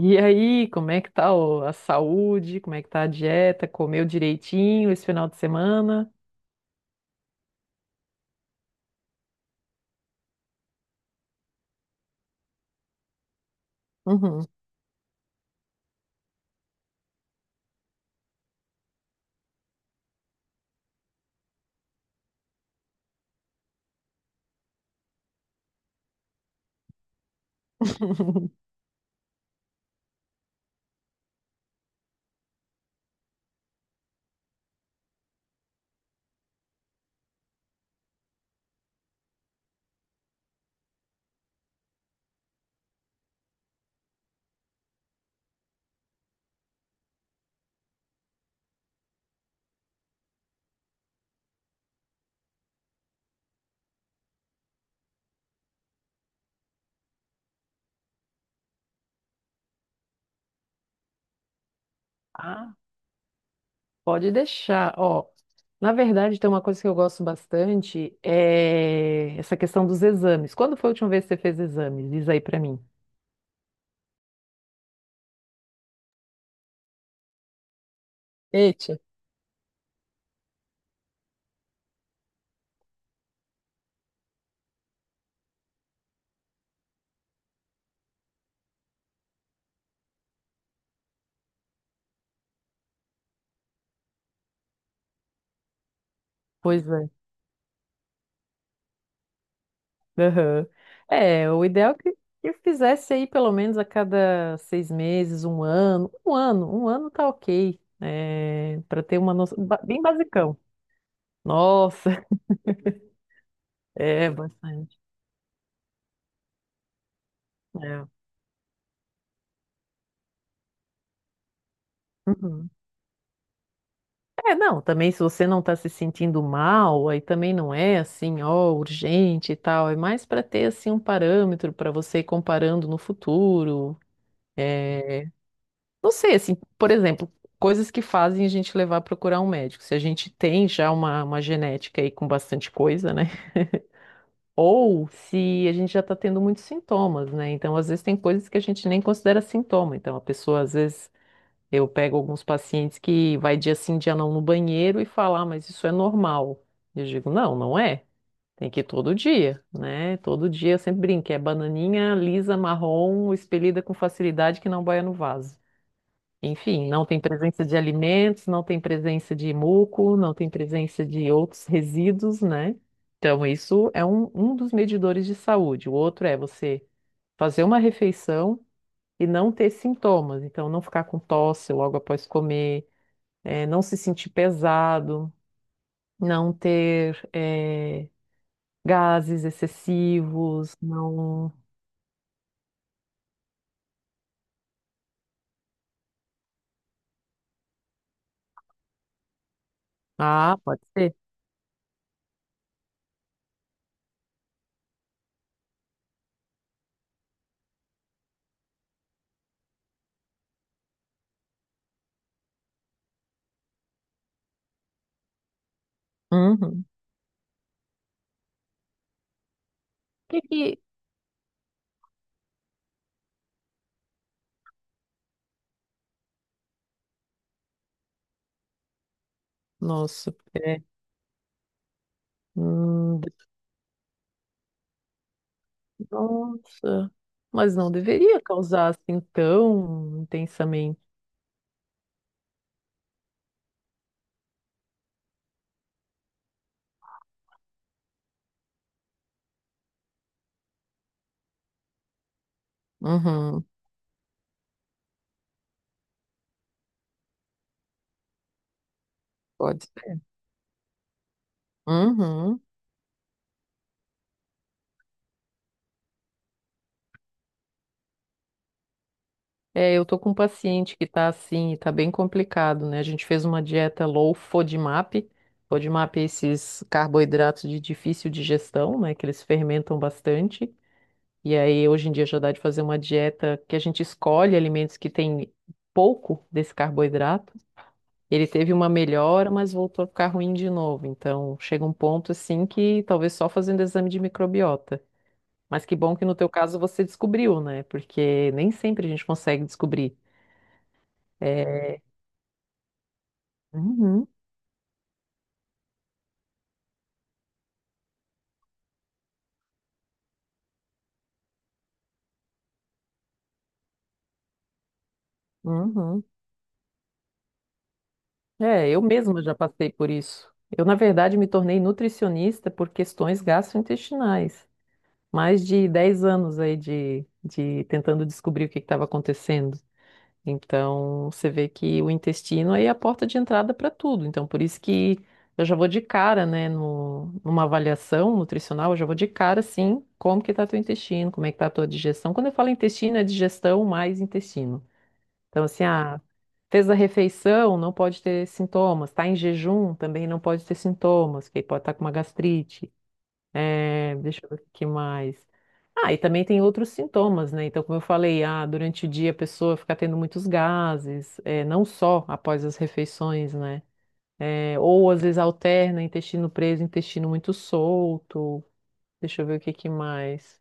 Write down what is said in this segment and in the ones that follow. E aí, como é que tá a saúde? Como é que tá a dieta? Comeu direitinho esse final de semana? Uhum. Ah, pode deixar. Ó, na verdade, tem uma coisa que eu gosto bastante, é essa questão dos exames. Quando foi a última vez que você fez exames? Diz aí pra mim. Eita, pois é. Aham. É, o ideal é que eu fizesse aí pelo menos a cada 6 meses, um ano. Um ano, um ano tá ok. É, para ter uma noção, bem basicão. Nossa, é bastante. É. Uhum. É, não, também se você não está se sentindo mal, aí também não é assim, ó, urgente e tal. É mais para ter assim um parâmetro para você ir comparando no futuro. É, não sei, assim, por exemplo, coisas que fazem a gente levar a procurar um médico. Se a gente tem já uma genética aí com bastante coisa, né? Ou se a gente já está tendo muitos sintomas, né? Então, às vezes tem coisas que a gente nem considera sintoma. Então, a pessoa às vezes. Eu pego alguns pacientes que vai dia sim, dia não no banheiro e falar, mas isso é normal. Eu digo, não, não é. Tem que ir todo dia, né? Todo dia eu sempre brinco, é bananinha lisa, marrom, expelida com facilidade que não boia no vaso. Enfim, não tem presença de alimentos, não tem presença de muco, não tem presença de outros resíduos, né? Então, isso é um dos medidores de saúde. O outro é você fazer uma refeição e não ter sintomas. Então, não ficar com tosse logo após comer, não se sentir pesado, não ter gases excessivos, não. Ah, pode ser. Uhum. Que- Nossa, é. hum, de- Nossa, mas não deveria causar assim tão intensamente. Uhum, pode ser. Uhum. É, eu tô com um paciente que tá assim, tá bem complicado, né? A gente fez uma dieta low FODMAP. FODMAP é esses carboidratos de difícil digestão, né? Que eles fermentam bastante. E aí, hoje em dia, já dá de fazer uma dieta que a gente escolhe alimentos que têm pouco desse carboidrato. Ele teve uma melhora, mas voltou a ficar ruim de novo. Então, chega um ponto assim que talvez só fazendo exame de microbiota. Mas que bom que no teu caso você descobriu, né? Porque nem sempre a gente consegue descobrir. É, uhum, uhum. É, eu mesma já passei por isso. Eu, na verdade, me tornei nutricionista por questões gastrointestinais. Mais de 10 anos aí de tentando descobrir o que estava acontecendo. Então, você vê que o intestino aí é a porta de entrada para tudo. Então, por isso que eu já vou de cara, né, no, numa avaliação nutricional, eu já vou de cara, assim, como que tá teu intestino, como é que tá a tua digestão. Quando eu falo intestino, é digestão mais intestino. Então, assim, fez a refeição, não pode ter sintomas. Está em jejum, também não pode ter sintomas, porque pode estar com uma gastrite. É, deixa eu ver o que mais. Ah, e também tem outros sintomas, né? Então, como eu falei, durante o dia a pessoa fica tendo muitos gases, é, não só após as refeições, né? É, ou às vezes alterna intestino preso, intestino muito solto. Deixa eu ver o que que mais.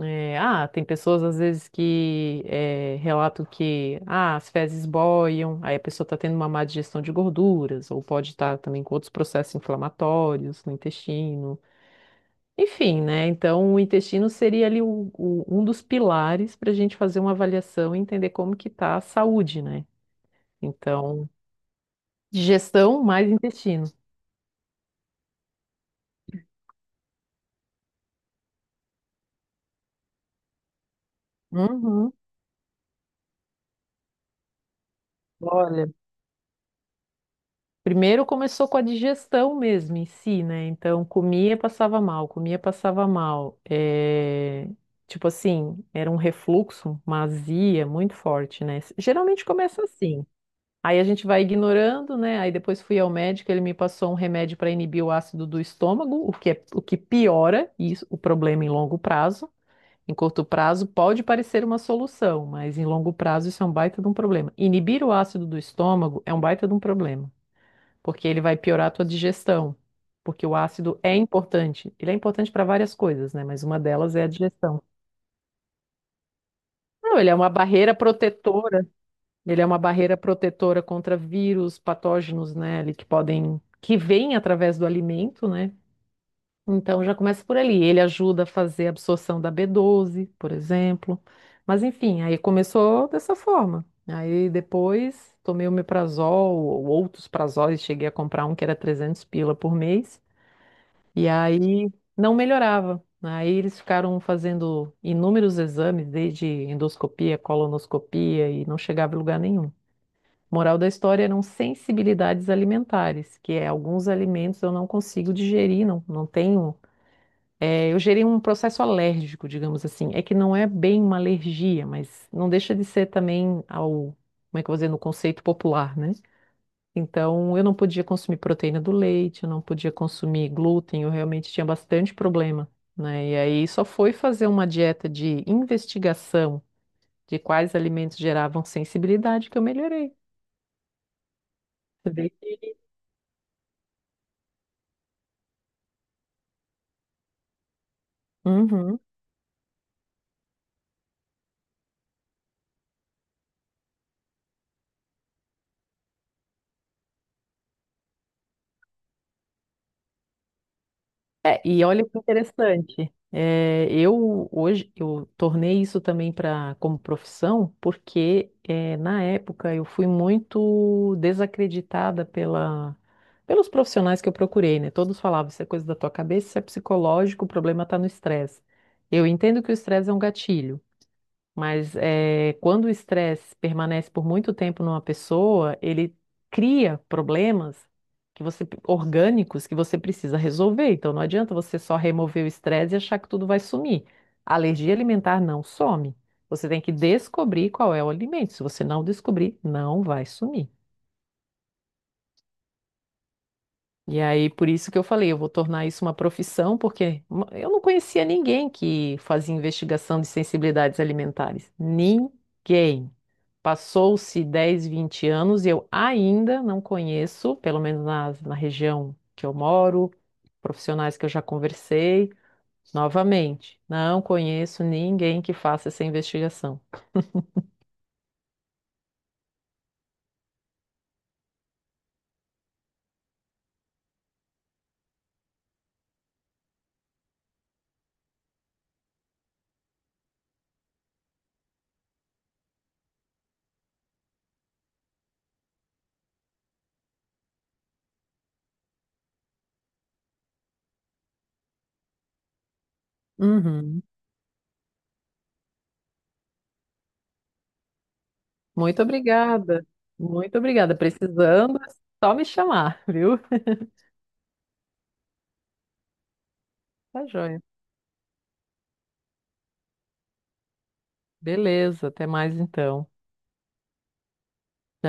É, tem pessoas às vezes que relatam que as fezes boiam, aí a pessoa está tendo uma má digestão de gorduras, ou pode estar também com outros processos inflamatórios no intestino. Enfim, né? Então, o intestino seria ali um dos pilares para a gente fazer uma avaliação e entender como que está a saúde, né? Então, digestão mais intestino. Uhum. Olha. Primeiro começou com a digestão mesmo em si, né? Então comia, passava mal, comia, passava mal. É, tipo assim, era um refluxo, uma azia muito forte, né? Geralmente começa assim. Aí a gente vai ignorando, né? Aí depois fui ao médico, ele me passou um remédio para inibir o ácido do estômago, o que é, o que piora isso, o problema em longo prazo. Em curto prazo pode parecer uma solução, mas em longo prazo isso é um baita de um problema. Inibir o ácido do estômago é um baita de um problema porque ele vai piorar a tua digestão. Porque o ácido é importante. Ele é importante para várias coisas, né? Mas uma delas é a digestão. Não, ele é uma barreira protetora. Ele é uma barreira protetora contra vírus, patógenos, né? Ali que podem, que vêm através do alimento, né? Então já começa por ali. Ele ajuda a fazer a absorção da B12, por exemplo. Mas enfim, aí começou dessa forma. Aí depois tomei o meprazol ou outros prazóis, cheguei a comprar um que era 300 pila por mês. E aí não melhorava. Aí eles ficaram fazendo inúmeros exames, desde endoscopia, colonoscopia, e não chegava em lugar nenhum. Moral da história eram sensibilidades alimentares, que é alguns alimentos eu não consigo digerir, não, não tenho. É, eu gerei um processo alérgico, digamos assim. É que não é bem uma alergia, mas não deixa de ser também ao, como é que eu vou dizer, no conceito popular, né? Então, eu não podia consumir proteína do leite, eu não podia consumir glúten, eu realmente tinha bastante problema, né? E aí só foi fazer uma dieta de investigação de quais alimentos geravam sensibilidade que eu melhorei. Você vê que- Uhum. É, e olha que interessante. É, eu hoje eu tornei isso também para como profissão, porque é, na época eu fui muito desacreditada pela, pelos profissionais que eu procurei, né? Todos falavam, isso é coisa da tua cabeça, isso é psicológico, o problema está no estresse. Eu entendo que o estresse é um gatilho, mas quando o estresse permanece por muito tempo numa pessoa, ele cria problemas que você, orgânicos que você precisa resolver. Então não adianta você só remover o estresse e achar que tudo vai sumir. A alergia alimentar não some. Você tem que descobrir qual é o alimento. Se você não descobrir, não vai sumir. E aí, por isso que eu falei, eu vou tornar isso uma profissão, porque eu não conhecia ninguém que fazia investigação de sensibilidades alimentares. Ninguém. Passou-se 10, 20 anos e eu ainda não conheço, pelo menos na região que eu moro, profissionais que eu já conversei. Novamente, não conheço ninguém que faça essa investigação. Uhum. Muito obrigada. Muito obrigada. Precisando, é só me chamar, viu? Tá joia. Beleza, até mais então.